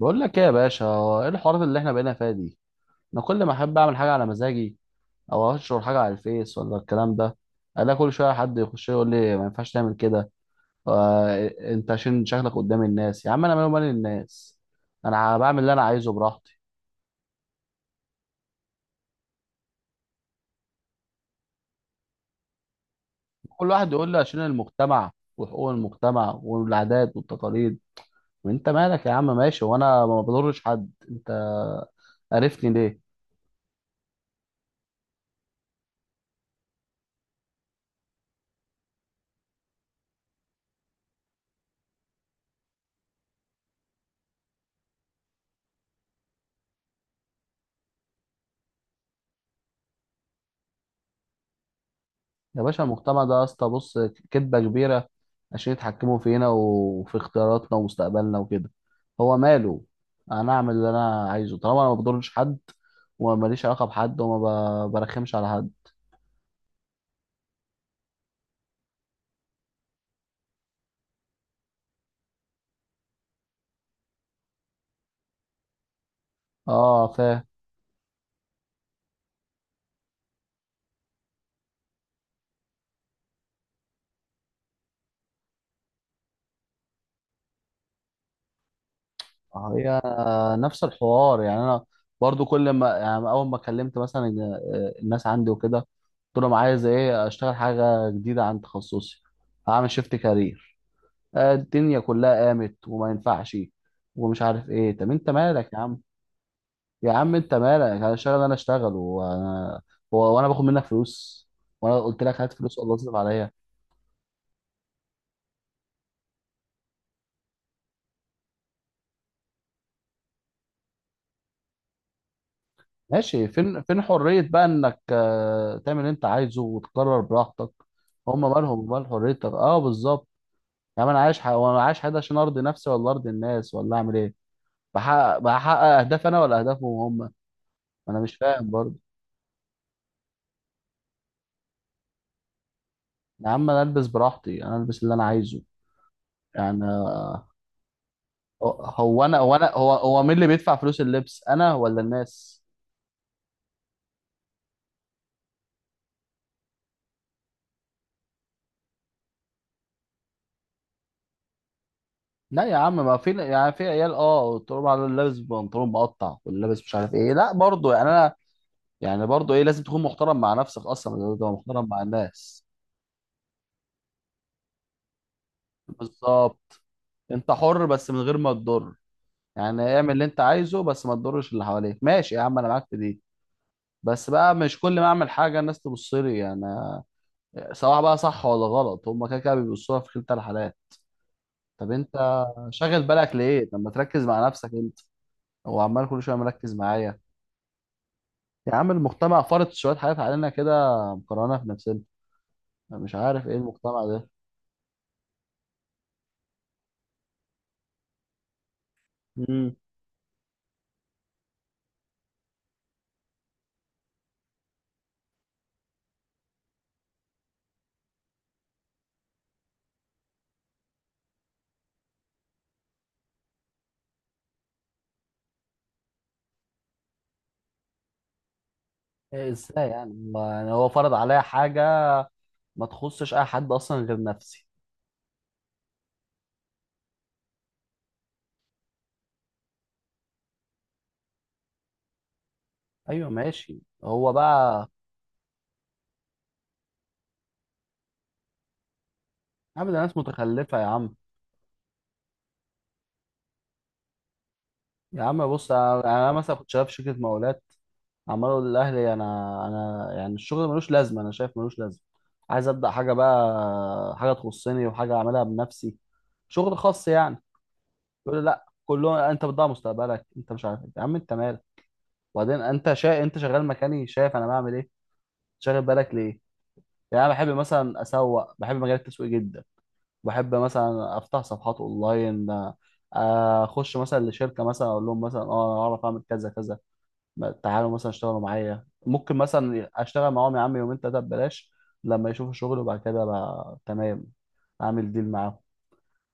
بقول لك ايه يا باشا؟ هو ايه الحوارات اللي احنا بقينا فيها دي؟ انا كل ما احب اعمل حاجه على مزاجي او انشر حاجه على الفيس ولا الكلام ده، الاقي كل شويه حد يخش يقول لي ما ينفعش تعمل كده. آه، انت عشان شكلك قدام الناس؟ يا عم انا مالي ومال الناس، انا بعمل اللي انا عايزه براحتي. كل واحد يقول لي عشان المجتمع وحقوق المجتمع والعادات والتقاليد، وانت مالك يا عم؟ ماشي وانا ما بضرش حد، انت عرفني ليه؟ يا باشا المجتمع ده يا اسطى بص، كدبة كبيرة عشان يتحكموا فينا وفي اختياراتنا ومستقبلنا وكده. هو ماله؟ انا اعمل اللي انا عايزه طالما انا ما بضرش حد وما ماليش علاقة بحد وما برخمش على حد. اه فاهم. هي نفس الحوار يعني انا برضو كل ما يعني اول ما كلمت مثلا الناس عندي وكده، قلت لهم عايز ايه، اشتغل حاجة جديدة عن تخصصي، هعمل شيفت كارير. الدنيا كلها قامت وما ينفعش ومش عارف ايه. طب انت مالك يا عم؟ يا عم انت مالك، انا اشتغل انا اشتغل وانا وانا باخد منك فلوس؟ وانا قلت لك هات فلوس والله تصرف عليا؟ ماشي، فين فين حرية بقى انك تعمل اللي انت عايزه وتقرر براحتك؟ هم مالهم مال حريتك؟ اه بالظبط. يا عم انا عايش وانا عايش حياتي عشان ارضي نفسي ولا ارضي الناس ولا اعمل ايه؟ بحقق اهدافي انا ولا اهدافهم هم؟ انا مش فاهم برضه. يا عم انا البس براحتي، انا البس اللي انا عايزه يعني. هو انا هو انا هو هو مين اللي بيدفع فلوس اللبس، انا ولا الناس؟ لا يا عم ما في يعني، في عيال اه تقول على لابس بنطلون مقطع واللي لابس مش عارف ايه، لا برضه يعني انا يعني برضه ايه، لازم تكون محترم مع نفسك اصلا، لازم تبقى محترم مع الناس. بالظبط، انت حر بس من غير ما تضر، يعني اعمل اللي انت عايزه بس ما تضرش اللي حواليك، ماشي يا عم انا معاك في دي. بس بقى مش كل ما اعمل حاجه الناس تبص لي يعني، سواء بقى صح ولا غلط هم كده كده بيبصوها في كلتا الحالات. طب انت شاغل بالك ليه؟ طب ما تركز مع نفسك انت. هو عمال كل شويه مركز معايا. يا عم المجتمع فرض شويه حاجات علينا كده مقارنه في نفسنا. أنا مش عارف ايه المجتمع ده. امم. إيه ازاي يعني يعني هو فرض عليا حاجه؟ ما تخصش اي حد اصلا غير نفسي. ايوه ماشي. هو بقى، يا عم ده ناس متخلفه يا عم. يا عم بص، انا يعني أنا مثلا كنت شغال في شركه مقاولات، عمال اقول للاهلي انا، انا يعني الشغل ملوش لازمه، انا شايف ملوش لازمه، عايز ابدا حاجه بقى، حاجه تخصني وحاجه اعملها بنفسي، شغل خاص يعني. يقول لي لا كلهم، انت بتضيع مستقبلك انت مش عارف إيه. يا عم انت مالك؟ وبعدين انت انت شغال مكاني، شايف انا بعمل ايه، شاغل بالك ليه؟ يعني انا بحب مثلا اسوق، بحب مجال التسويق جدا، بحب مثلا افتح صفحات اونلاين، اخش مثلا لشركه مثلا اقول لهم مثلا اه انا اعرف اعمل كذا كذا، تعالوا مثلا اشتغلوا معايا، ممكن مثلا اشتغل معاهم يا عم 2 أو 3 أيام ببلاش، لما يشوفوا شغل وبعد كده بقى تمام اعمل ديل معاهم.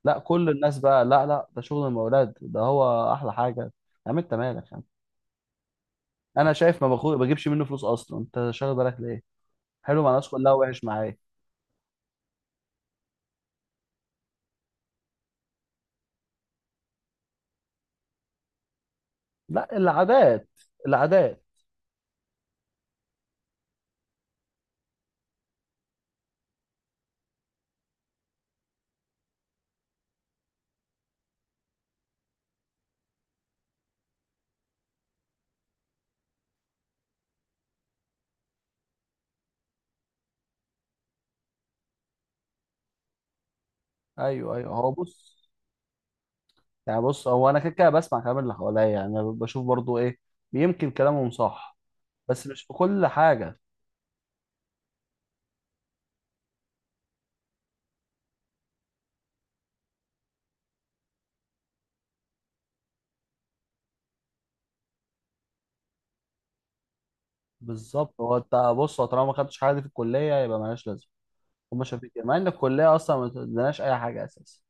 لا كل الناس بقى لا لا ده شغل المولاد ده هو احلى حاجه. يا عم انت مالك يعني؟ انا شايف، ما باخد بجيبش منه فلوس اصلا، انت شاغل بالك ليه؟ حلو مع الناس كلها، وحش معايا. لا العادات، العادات. ايوه ايوه هو بص، يعني بص هو انا كده كده بسمع كلام اللي حواليا، يعني أنا بشوف برضو ايه، يمكن كلامهم صح، بس مش في كل حاجه. بالظبط. هو انت بص، هو طالما ما خدتش حاجه دي في الكليه يبقى مالهاش لازمه، هما شايفين كده مع ان الكليه اصلا ما بتديناش اي حاجه اساسا.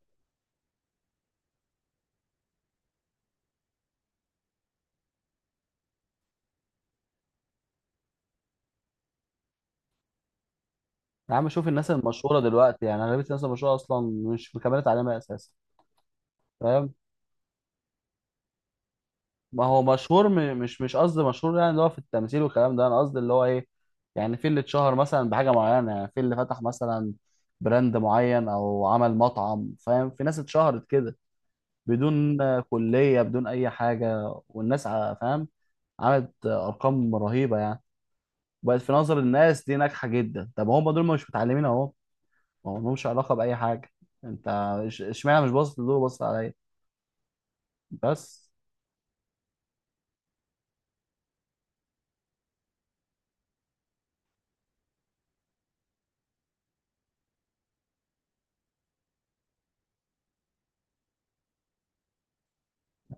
يا عم شوف الناس المشهوره دلوقتي، يعني اغلبيه الناس المشهوره اصلا مش مكمله تعليمها اساسا. فاهم؟ ما هو مشهور م- مش مش قصدي مشهور يعني اللي هو في التمثيل والكلام ده، انا قصدي اللي هو ايه، يعني في اللي اتشهر مثلا بحاجه معينه، يعني في اللي فتح مثلا براند معين او عمل مطعم، فاهم، في ناس اتشهرت كده بدون كليه بدون اي حاجه، والناس فاهم، عملت ارقام رهيبه يعني، بقت في نظر الناس دي ناجحه جدا. طب هم دول مش متعلمين اهو، ما هم لهمش علاقه باي حاجه. انت اشمعنى مش باصص لدول وباصص عليا؟ بس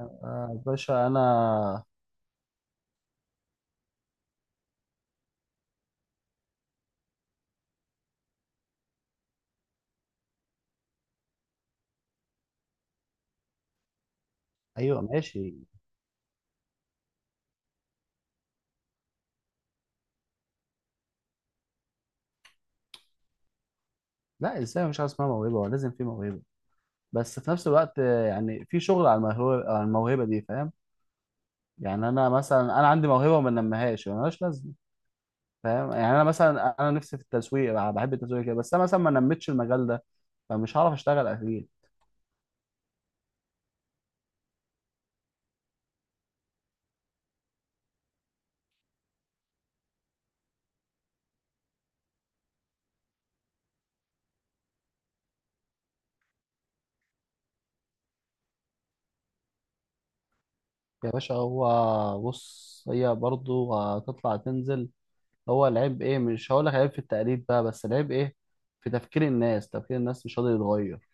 آه يا باشا انا، ايوه ماشي. لا الانسان مش عايز اسمها موهبه، هو لازم في موهبه، بس في نفس الوقت يعني في شغل على الموهبه، على الموهبه دي فاهم، يعني انا مثلا انا عندي موهبه وما نميهاش ملهاش لازمه. فاهم يعني، انا مثلا انا نفسي في التسويق، بحب التسويق كده، بس انا مثلا ما نميتش المجال ده، فمش هعرف اشتغل اكيد. يا باشا هو بص، هي برضو هتطلع تنزل. هو العيب ايه؟ مش هقول لك عيب في التقليد بقى، بس العيب ايه؟ في تفكير الناس، تفكير الناس مش قادر يتغير.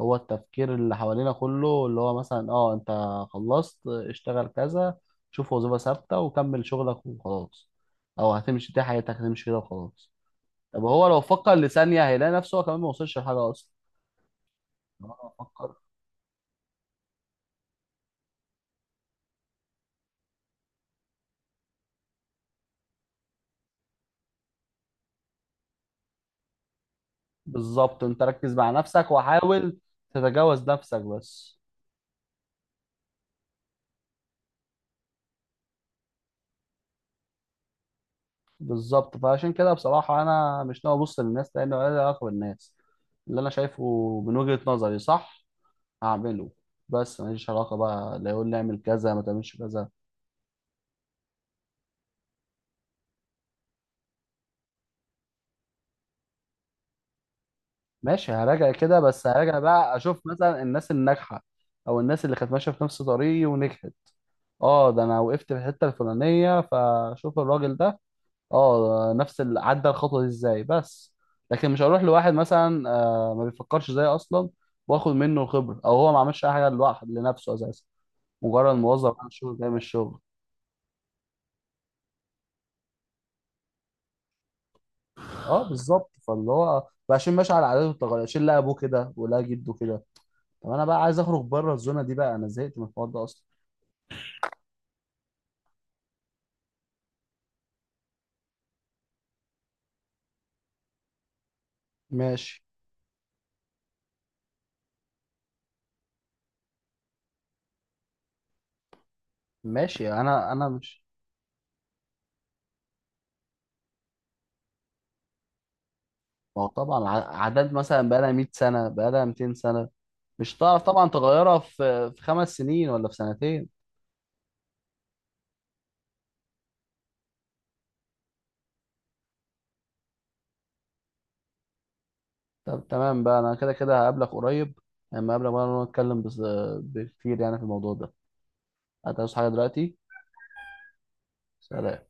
هو التفكير اللي حوالينا كله اللي هو مثلا اه، انت خلصت اشتغل كذا، شوف وظيفة ثابتة وكمل شغلك وخلاص، او هتمشي دي حياتك هتمشي كده وخلاص. طب هو لو فكر لثانية هيلاقي نفسه هو كمان ما وصلش لحاجة اصلا، لو انا بفكر. بالظبط، انت ركز مع نفسك وحاول تتجاوز نفسك بس. بالظبط، فعشان كده بصراحة أنا مش ناوي أبص للناس، لأن ولا لي علاقة بالناس، اللي أنا شايفه من وجهة نظري صح هعمله، بس ماليش علاقة بقى لا يقول لي اعمل كذا ما تعملش كذا. ماشي هراجع كده، بس هراجع بقى أشوف مثلا الناس الناجحة أو الناس اللي كانت ماشية في نفس طريقي ونجحت، أه ده أنا وقفت في الحتة الفلانية فأشوف الراجل ده، اه نفس اللي عدى الخطوه دي ازاي بس، لكن مش هروح لواحد مثلا ما بيفكرش زيي اصلا، واخد منه الخبره، او هو ما عملش اي حاجه لوحده لنفسه اساسا، مجرد موظف عن الشغل جاي من الشغل. اه بالظبط، فاللي هو بقى عشان ماشي على عاداته والتقاليد، عشان لا ابوه كده ولا جده كده. طب انا بقى عايز اخرج بره الزونه دي بقى، انا زهقت من الحوار ده اصلا. ماشي، ماشي انا مش. ما هو طبعا عادات مثلا بقى لها 100 سنه، بقى لها 200 سنه، مش هتعرف طبعا تغيرها في 5 سنين ولا في سنتين. طب تمام بقى انا كده كده هقابلك قريب، لما اقابلك بقى نتكلم بس- بكتير يعني في الموضوع ده. هتعوز حاجة دلوقتي؟ سلام.